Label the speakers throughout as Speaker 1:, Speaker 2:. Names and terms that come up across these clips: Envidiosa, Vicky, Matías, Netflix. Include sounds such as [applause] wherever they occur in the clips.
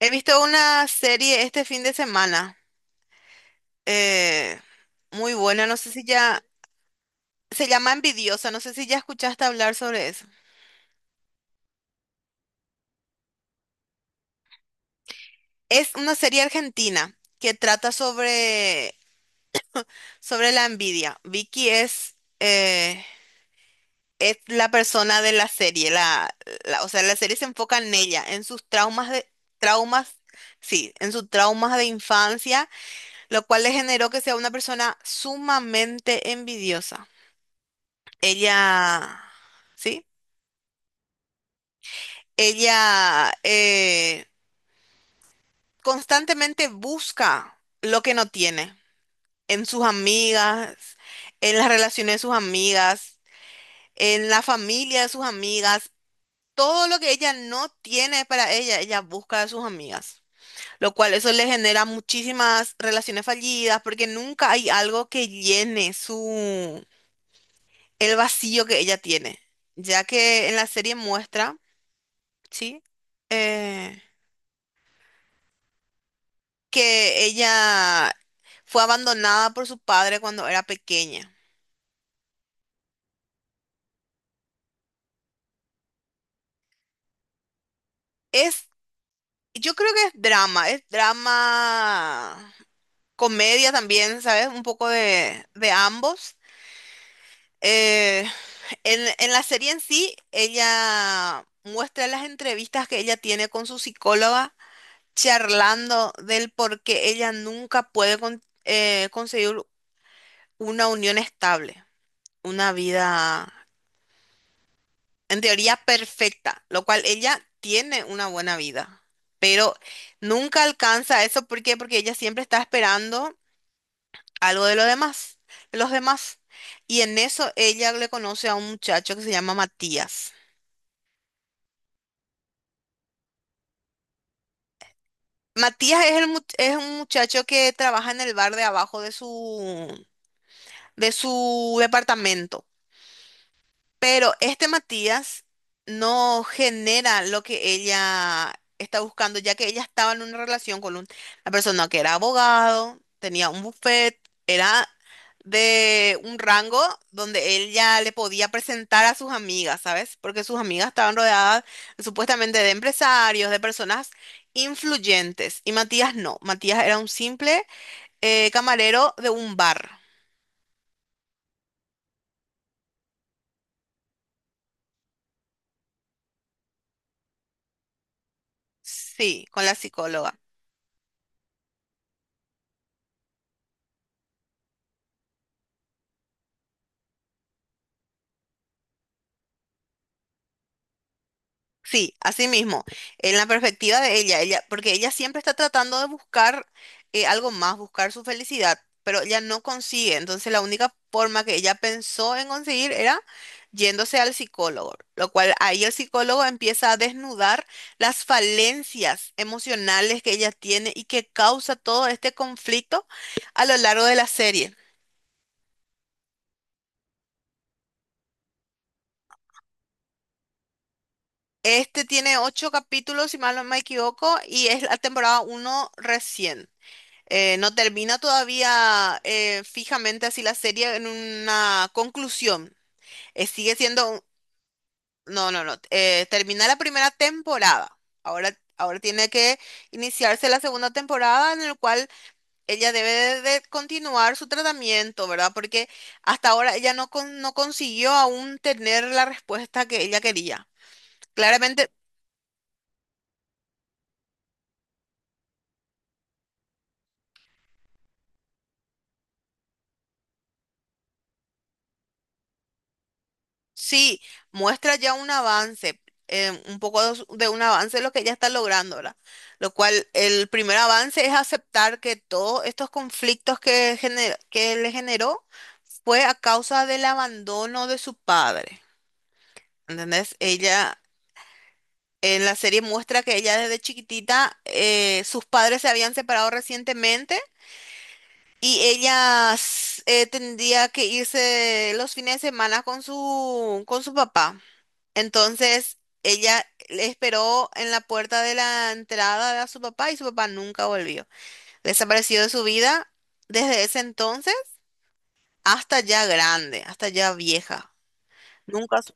Speaker 1: He visto una serie este fin de semana, eh, muy buena, no sé si ya, se llama Envidiosa, no sé si ya escuchaste hablar sobre eso. Es una serie argentina que trata sobre la envidia. Vicky es la persona de la serie, o sea, la serie se enfoca en ella, en sus traumas de, traumas, sí, en sus traumas de infancia, lo cual le generó que sea una persona sumamente envidiosa. Ella... ¿Sí? Ella constantemente busca lo que no tiene en sus amigas, en las relaciones de sus amigas, en la familia de sus amigas. Todo lo que ella no tiene para ella, ella busca de sus amigas. Lo cual eso le genera muchísimas relaciones fallidas porque nunca hay algo que llene su el vacío que ella tiene. Ya que en la serie muestra, ¿sí? Eh, que ella fue abandonada por su padre cuando era pequeña. Es, yo creo que es drama, comedia también, ¿sabes? Un poco de ambos. Eh, en la serie en sí, ella muestra las entrevistas que ella tiene con su psicóloga, charlando del por qué ella nunca puede conseguir una unión estable, una vida en teoría perfecta, lo cual ella tiene una buena vida, pero nunca alcanza eso. ¿Por qué? Porque ella siempre está esperando algo de los demás, de los demás. Y en eso ella le conoce a un muchacho que se llama Matías. Matías es, es un muchacho que trabaja en el bar de abajo de su departamento. Pero este Matías no genera lo que ella está buscando, ya que ella estaba en una relación con una persona que era abogado, tenía un buffet, era de un rango donde él ya le podía presentar a sus amigas, ¿sabes? Porque sus amigas estaban rodeadas supuestamente de empresarios, de personas influyentes. Y Matías no, Matías era un simple camarero de un bar. Sí, con la psicóloga. Sí, así mismo, en la perspectiva de ella, ella, porque ella siempre está tratando de buscar algo más, buscar su felicidad, pero ella no consigue. Entonces la única forma que ella pensó en conseguir era yéndose al psicólogo, lo cual ahí el psicólogo empieza a desnudar las falencias emocionales que ella tiene y que causa todo este conflicto a lo largo de la serie. Este tiene ocho capítulos, si mal no me equivoco, y es la temporada uno recién. No termina todavía fijamente así la serie en una conclusión. Sigue siendo... No, no, no. Termina la primera temporada. Ahora tiene que iniciarse la segunda temporada en el cual ella debe de continuar su tratamiento, ¿verdad? Porque hasta ahora ella no consiguió aún tener la respuesta que ella quería. Claramente sí, muestra ya un avance, un poco de un avance de lo que ya está logrando, ¿verdad? Lo cual, el primer avance es aceptar que todos estos conflictos que le generó fue a causa del abandono de su padre. ¿Entendés? Ella, en la serie muestra que ella desde chiquitita, sus padres se habían separado recientemente y ella tendría que irse los fines de semana con su papá. Entonces ella le esperó en la puerta de la entrada a su papá y su papá nunca volvió. Desapareció de su vida desde ese entonces hasta ya grande, hasta ya vieja. Nunca.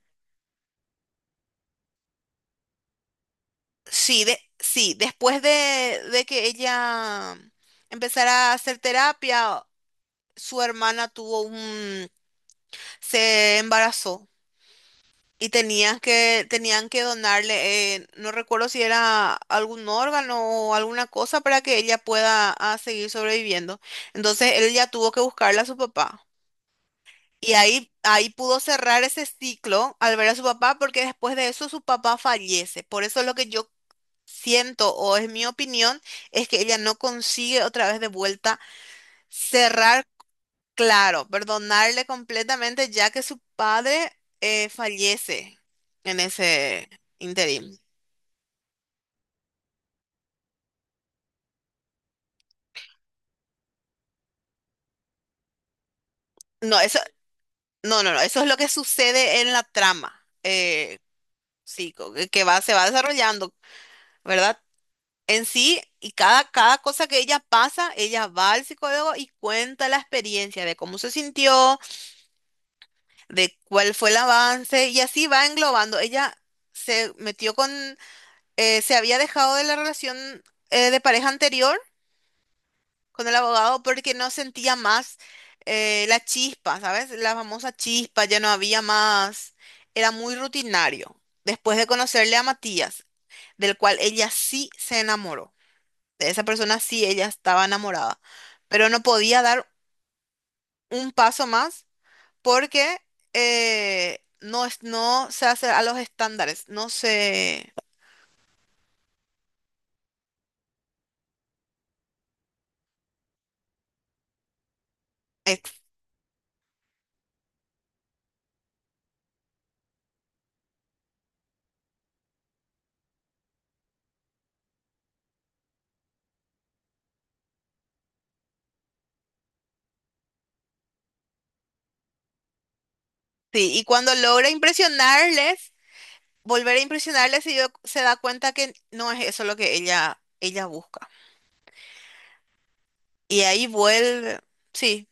Speaker 1: Sí, sí, después de que ella empezara a hacer terapia, su hermana tuvo un... se embarazó. Y tenías que, tenían que donarle, no recuerdo si era algún órgano o alguna cosa para que ella pueda seguir sobreviviendo. Entonces él ya tuvo que buscarle a su papá. Y ahí, ahí pudo cerrar ese ciclo al ver a su papá, porque después de eso su papá fallece. Por eso lo que yo siento, o es mi opinión, es que ella no consigue otra vez de vuelta cerrar. Claro, perdonarle completamente ya que su padre fallece en ese interim. No, eso, no, no, no, eso es lo que sucede en la trama, sí, que va, se va desarrollando, ¿verdad? En sí, y cada, cada cosa que ella pasa, ella va al psicólogo y cuenta la experiencia de cómo se sintió, de cuál fue el avance, y así va englobando. Ella se metió con, se había dejado de la relación de pareja anterior con el abogado porque no sentía más la chispa, ¿sabes? La famosa chispa, ya no había más, era muy rutinario. Después de conocerle a Matías, del cual ella sí se enamoró, de esa persona sí ella estaba enamorada, pero no podía dar un paso más porque no se hace a los estándares, no se... ex- Sí, y cuando logra impresionarles, volver a impresionarle si yo- se da cuenta que no es eso lo que ella busca. Y ahí vuelve, sí,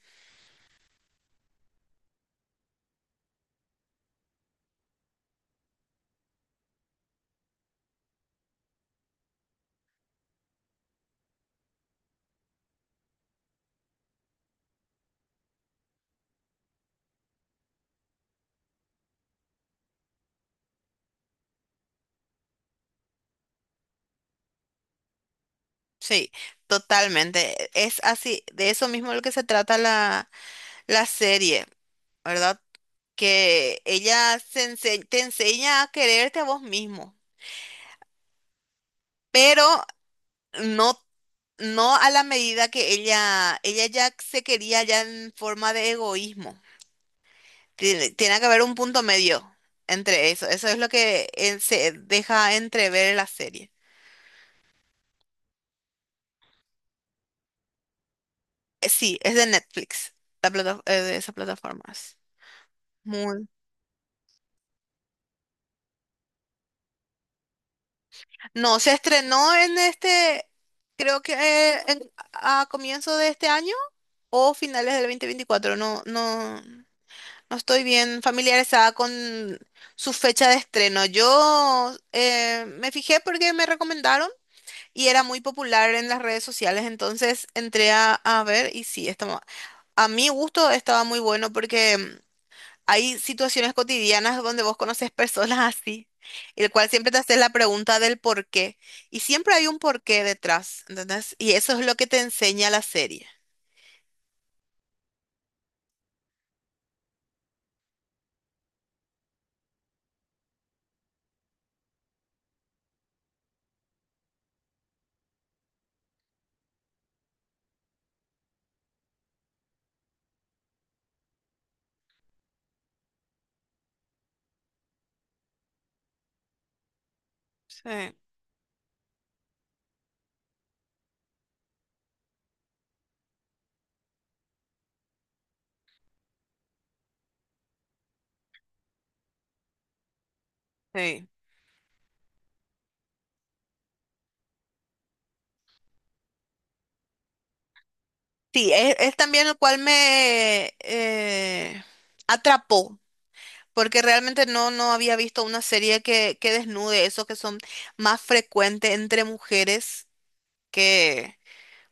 Speaker 1: sí, totalmente. Es así, de eso mismo lo que se trata la, la serie, ¿verdad? Que ella te enseña a quererte a vos mismo, pero no, no a la medida que ella ya se quería ya en forma de egoísmo. Tiene, tiene que haber un punto medio entre eso. Eso es lo que se deja entrever en la serie. Sí, es de Netflix, de esas plataformas. Muy. No, se estrenó en este, creo que a comienzo de este año o finales del 2024. No, no, no estoy bien familiarizada con su fecha de estreno. Yo me fijé porque me recomendaron. Y era muy popular en las redes sociales, entonces entré a ver y sí, estaba, a mi gusto estaba muy bueno porque mm, hay situaciones cotidianas donde vos conoces personas [laughs] así, el cual siempre te haces la pregunta del por qué. Y siempre hay un porqué detrás, ¿entendés? Y eso es lo que te enseña la serie. Sí, sí. Sí, es también el cual me atrapó. Porque realmente no, no había visto una serie que desnude eso que son más frecuentes entre mujeres que...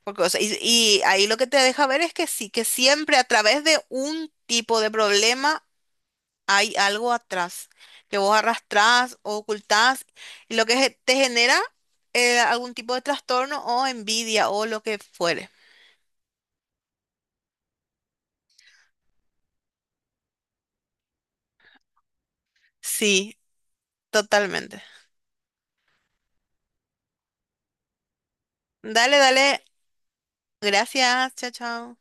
Speaker 1: Porque, o sea, y ahí lo que te deja ver es que sí, que siempre a través de un tipo de problema hay algo atrás, que vos arrastrás o ocultás, y lo que te genera algún tipo de trastorno o envidia o lo que fuere. Sí, totalmente. Dale, dale. Gracias. Chao, chao.